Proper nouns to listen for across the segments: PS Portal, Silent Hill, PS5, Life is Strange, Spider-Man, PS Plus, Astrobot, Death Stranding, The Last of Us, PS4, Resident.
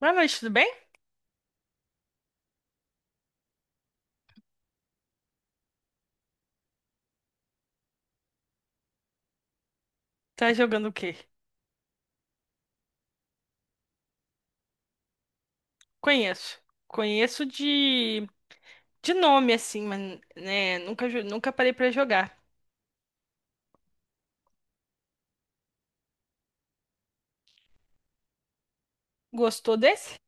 Boa noite, tudo bem? Tá jogando o quê? Conheço. Conheço de nome, assim, mas né, nunca parei pra jogar. Gostou desse?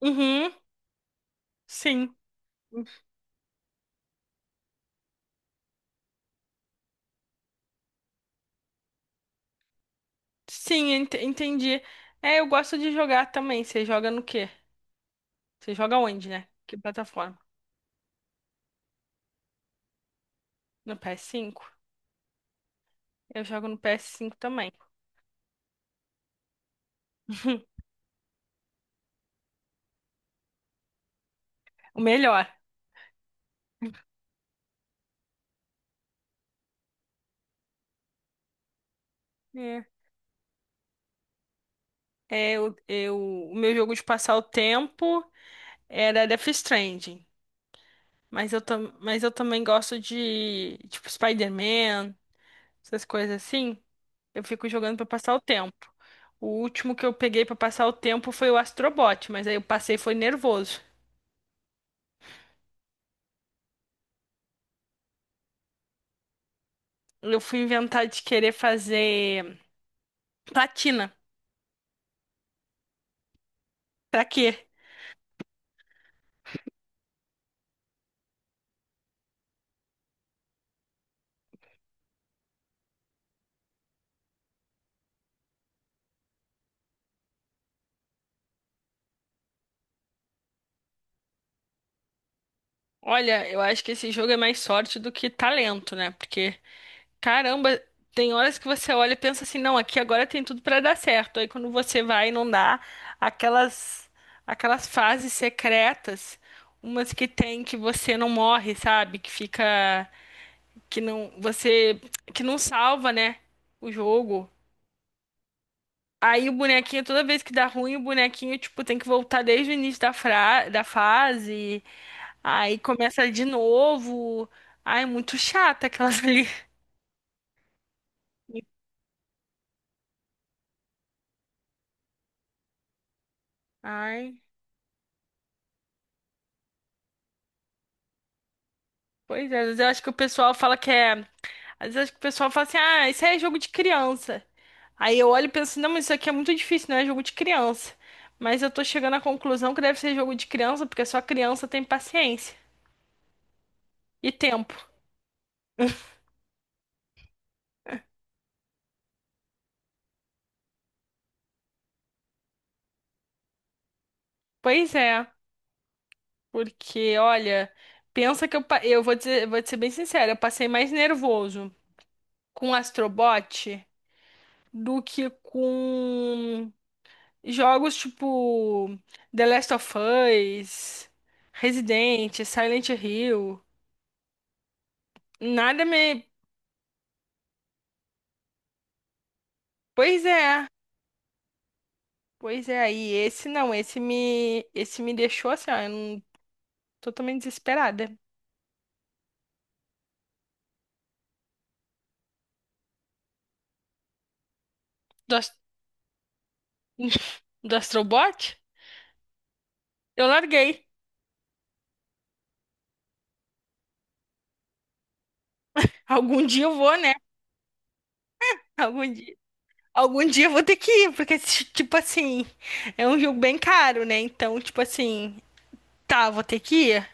Uhum, sim. Sim, entendi. É, eu gosto de jogar também. Você joga no quê? Você joga onde, né? Que plataforma? No PS5. Eu jogo no PS5 também. O melhor. É. É, o meu jogo de passar o tempo era Death Stranding. Mas eu também gosto de, tipo, Spider-Man, essas coisas assim. Eu fico jogando pra passar o tempo. O último que eu peguei pra passar o tempo foi o Astrobot, mas aí eu passei e foi nervoso. Eu fui inventar de querer fazer platina. Pra quê? Olha, eu acho que esse jogo é mais sorte do que talento, né? Porque caramba, tem horas que você olha e pensa assim, não, aqui agora tem tudo pra dar certo. Aí quando você vai e não dá, aquelas aquelas fases secretas, umas que tem que você não morre, sabe? Que fica que não você que não salva, né? O jogo. Aí o bonequinho, toda vez que dá ruim, o bonequinho, tipo, tem que voltar desde o início da fase. Aí começa de novo. Ai, muito chata aquelas ali. Ai. Pois é, às vezes eu acho que o pessoal fala que é. Às vezes eu acho que o pessoal fala assim, ah, isso aí é jogo de criança. Aí eu olho e penso, não, mas isso aqui é muito difícil, não é jogo de criança. Mas eu tô chegando à conclusão que deve ser jogo de criança, porque só criança tem paciência e tempo. Pois é, porque, olha, pensa que eu vou dizer, vou te ser bem sincera, eu passei mais nervoso com o Astrobot do que com jogos tipo The Last of Us, Resident, Silent Hill, nada me. Pois é, pois é, aí esse não, esse me deixou assim, ó, eu não- totalmente desesperada. Do, Ast- do Astrobot? Eu larguei. Algum dia eu vou, né? Algum dia, algum dia eu vou ter que ir, porque, tipo assim, é um jogo bem caro, né? Então, tipo assim, tá, vou ter que ir,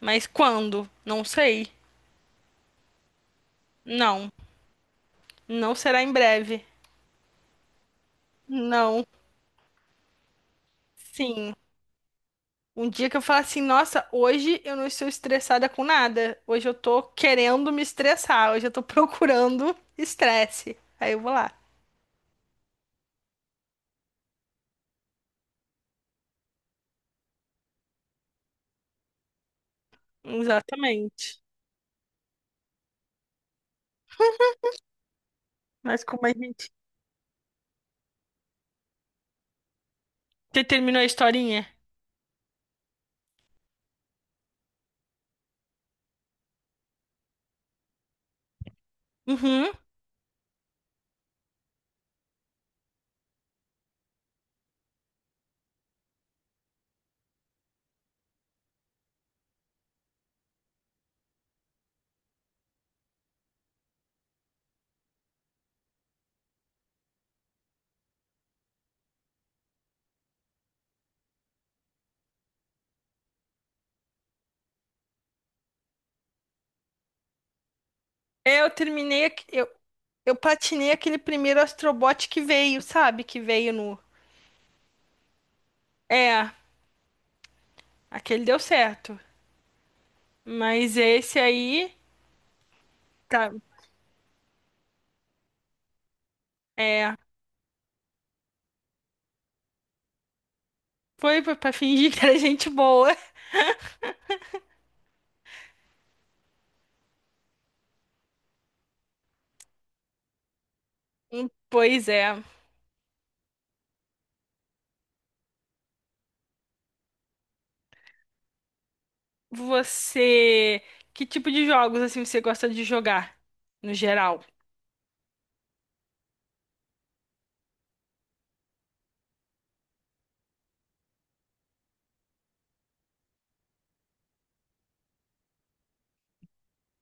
mas quando? Não sei. Não. Não será em breve. Não. Sim. Um dia que eu falar assim, nossa, hoje eu não estou estressada com nada. Hoje eu tô querendo me estressar. Hoje eu tô procurando estresse. Aí eu vou lá. Exatamente. Mas como a gente. Você terminou a historinha? Uhum. Eu terminei. Eu platinei aquele primeiro Astrobot que veio, sabe? Que veio no. É, aquele deu certo. Mas esse aí. Tá. É. Foi pra fingir que era gente boa. Pois é. Você, que tipo de jogos assim você gosta de jogar no geral?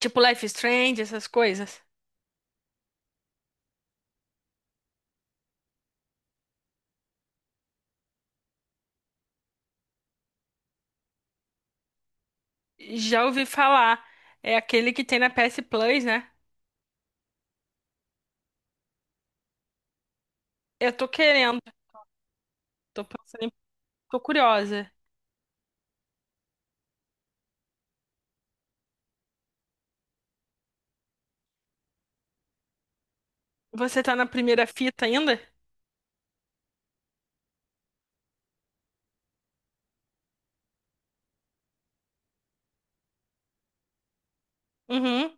Tipo Life is Strange, essas coisas? Já ouvi falar, é aquele que tem na PS Plus, né? Eu tô querendo, tô pensando, tô curiosa. Você tá na primeira fita ainda? Uhum,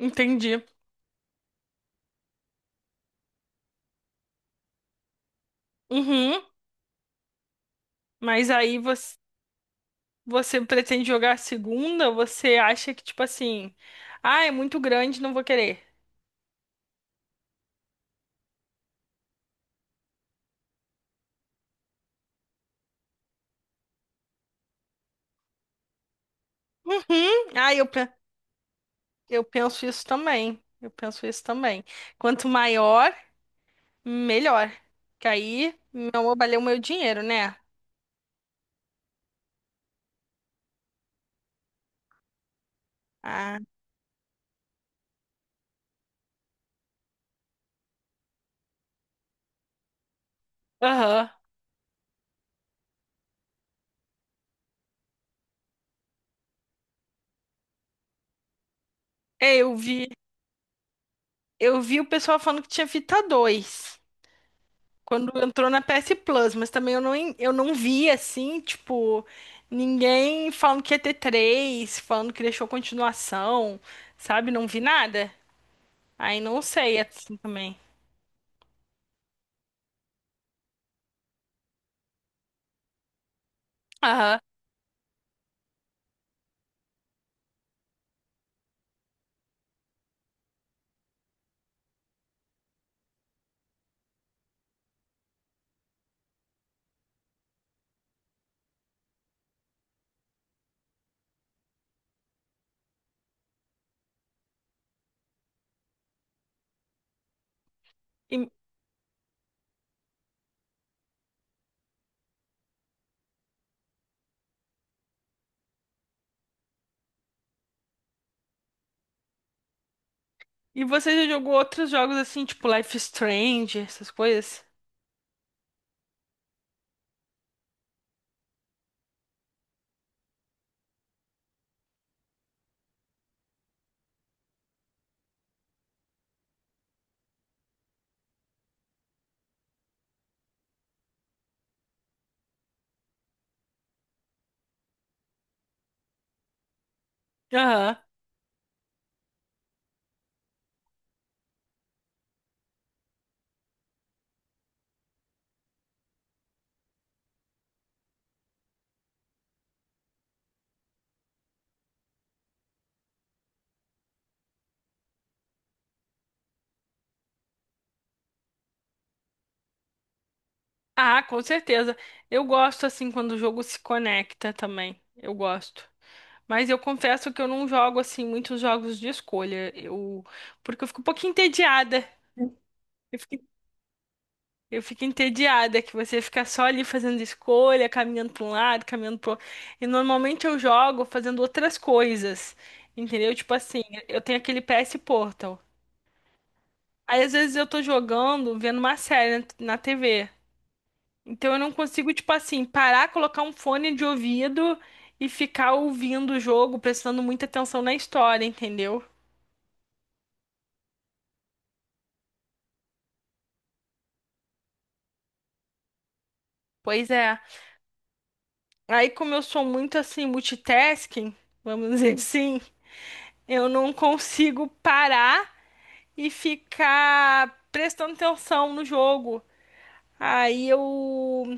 entendi. Uhum, mas aí você pretende jogar a segunda? Você acha que tipo assim, ah, é muito grande, não vou querer. Uhum. Ah, Eu penso isso também. Eu penso isso também. Quanto maior, melhor. Que aí não valeu o meu dinheiro, né? Ah, aham. É, eu vi o pessoal falando que tinha Vita 2 quando entrou na PS Plus, mas também eu não vi assim, tipo, ninguém falando que ia ter 3, falando que deixou continuação, sabe? Não vi nada. Aí não sei assim também. Aham. E você já jogou outros jogos assim, tipo Life is Strange, essas coisas? Aham. Ah, com certeza. Eu gosto assim quando o jogo se conecta também. Eu gosto. Mas eu confesso que eu não jogo assim muitos jogos de escolha. Eu porque eu fico um pouquinho entediada. Eu fico, eu fico entediada que você fica só ali fazendo escolha, caminhando para um lado, caminhando pro outro. E normalmente eu jogo fazendo outras coisas. Entendeu? Tipo assim, eu tenho aquele PS Portal. Aí às vezes eu tô jogando, vendo uma série na TV. Então eu não consigo, tipo assim, parar, colocar um fone de ouvido e ficar ouvindo o jogo, prestando muita atenção na história, entendeu? Pois é. Aí como eu sou muito assim, multitasking, vamos dizer assim, eu não consigo parar e ficar prestando atenção no jogo. Aí eu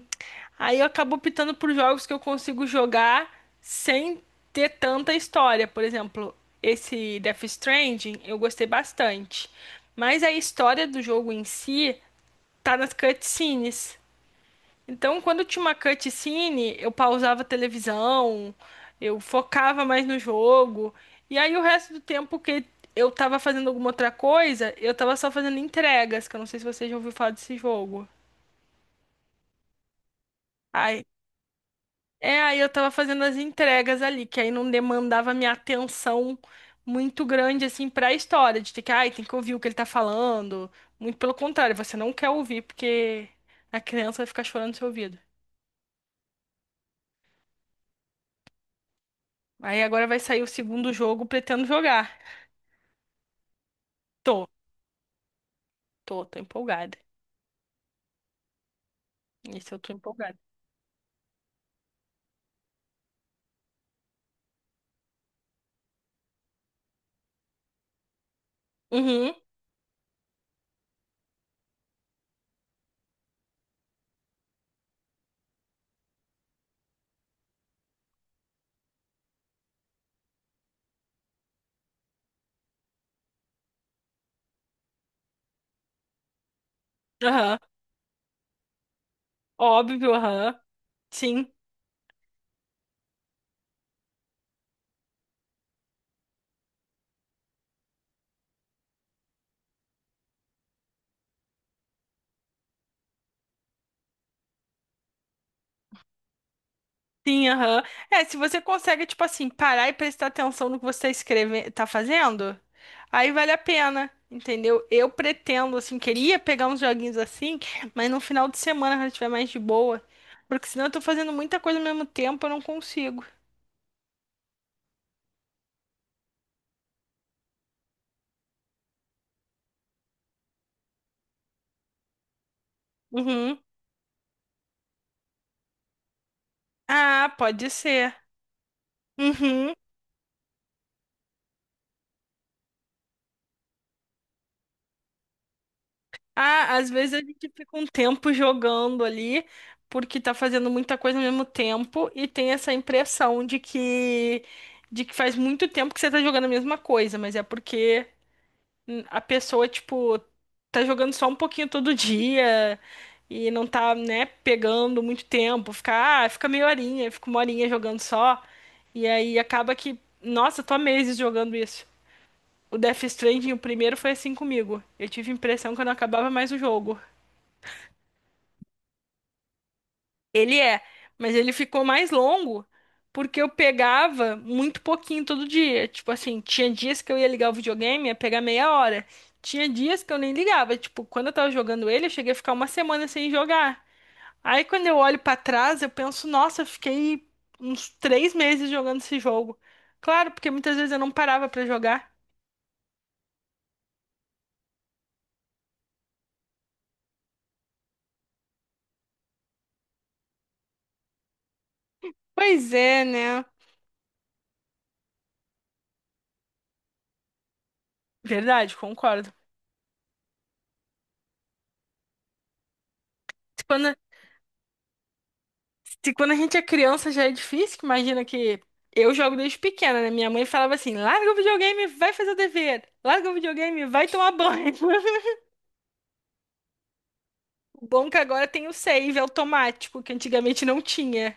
aí eu acabo optando por jogos que eu consigo jogar sem ter tanta história. Por exemplo, esse Death Stranding eu gostei bastante. Mas a história do jogo em si tá nas cutscenes. Então, quando tinha uma cutscene, eu pausava a televisão, eu focava mais no jogo. E aí o resto do tempo que eu tava fazendo alguma outra coisa, eu tava só fazendo entregas, que eu não sei se você já ouviu falar desse jogo. Ai É, aí eu tava fazendo as entregas ali, que aí não demandava minha atenção muito grande, assim, pra história, de ter que, ai, tem que ouvir o que ele tá falando. Muito pelo contrário, você não quer ouvir, porque a criança vai ficar chorando no seu ouvido. Aí agora vai sair o segundo jogo, pretendo jogar. Tô, tô empolgada. Esse eu tô empolgada. Uhum, aham, óbvio, aham, sim. Sim, aham. É, se você consegue, tipo assim, parar e prestar atenção no que você tá fazendo, aí vale a pena, entendeu? Eu pretendo, assim, queria pegar uns joguinhos assim, mas no final de semana, quando eu estiver mais de boa, porque senão eu tô fazendo muita coisa ao mesmo tempo, eu não consigo. Uhum. Ah, pode ser. Uhum. Ah, às vezes a gente fica um tempo jogando ali, porque tá fazendo muita coisa ao mesmo tempo e tem essa impressão de que faz muito tempo que você tá jogando a mesma coisa, mas é porque a pessoa, tipo, tá jogando só um pouquinho todo dia e não tá, né, pegando muito tempo, fica meia horinha, fica uma horinha jogando só. E aí acaba que, nossa, tô há meses jogando isso. O Death Stranding, o primeiro foi assim comigo. Eu tive a impressão que eu não acabava mais o jogo. Ele é, mas ele ficou mais longo porque eu pegava muito pouquinho todo dia. Tipo assim, tinha dias que eu ia ligar o videogame, ia pegar meia hora. Tinha dias que eu nem ligava. Tipo, quando eu tava jogando ele, eu cheguei a ficar uma semana sem jogar. Aí quando eu olho pra trás, eu penso, nossa, eu fiquei uns 3 meses jogando esse jogo. Claro, porque muitas vezes eu não parava pra jogar. Pois é, né? Verdade, concordo. Se quando a gente é criança já é difícil, que imagina que eu jogo desde pequena, né? Minha mãe falava assim: larga o videogame, vai fazer o dever. Larga o videogame, vai tomar banho. O bom é que agora tem o save automático, que antigamente não tinha.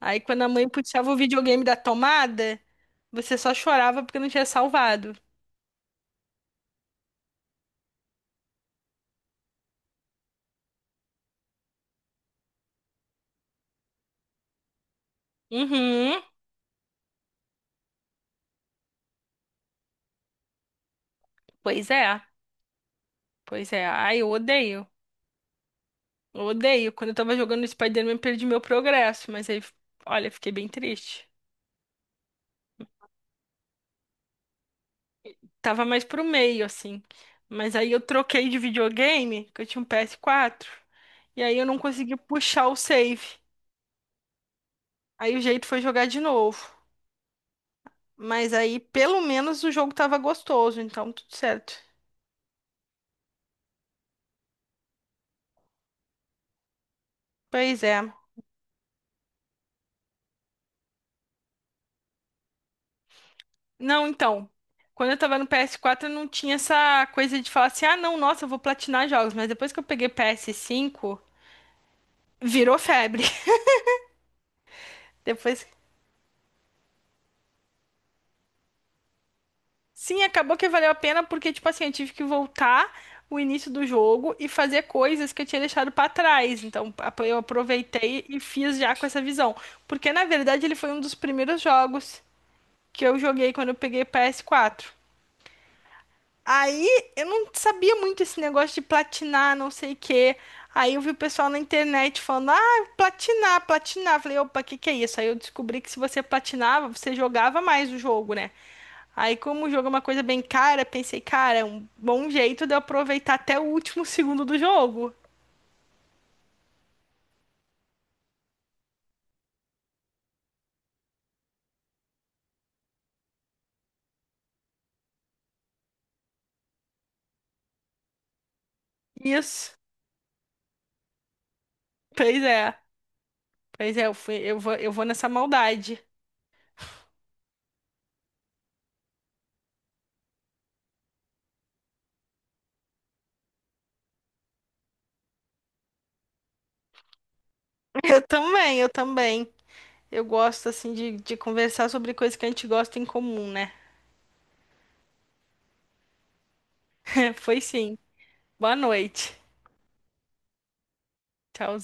Aí quando a mãe puxava o videogame da tomada, você só chorava porque não tinha salvado. Uhum. Pois é. Pois é. Ai, eu odeio. Eu odeio. Quando eu tava jogando Spider-Man, perdi meu progresso, mas aí, olha, fiquei bem triste. Tava mais pro meio, assim. Mas aí eu troquei de videogame, que eu tinha um PS4. E aí eu não consegui puxar o save. Aí o jeito foi jogar de novo. Mas aí, pelo menos, o jogo tava gostoso, então tudo certo. Pois é. Não, então. Quando eu tava no PS4 eu não tinha essa coisa de falar assim: ah, não, nossa, eu vou platinar jogos. Mas depois que eu peguei PS5, virou febre. Depois Sim, acabou que valeu a pena porque, tipo assim, eu tive que voltar o início do jogo e fazer coisas que eu tinha deixado pra trás. Então, eu aproveitei e fiz já com essa visão. Porque, na verdade, ele foi um dos primeiros jogos que eu joguei quando eu peguei PS4. Aí, eu não sabia muito esse negócio de platinar, não sei o quê. Aí eu vi o pessoal na internet falando, ah, platinar, platinar. Falei, opa, o que que é isso? Aí eu descobri que se você platinava, você jogava mais o jogo, né? Aí, como o jogo é uma coisa bem cara, pensei, cara, é um bom jeito de eu aproveitar até o último segundo do jogo. Isso. Pois é. Pois é, eu vou nessa maldade. Eu também, eu também. Eu gosto, assim, de conversar sobre coisas que a gente gosta em comum, né? Foi sim. Boa noite. Tchau.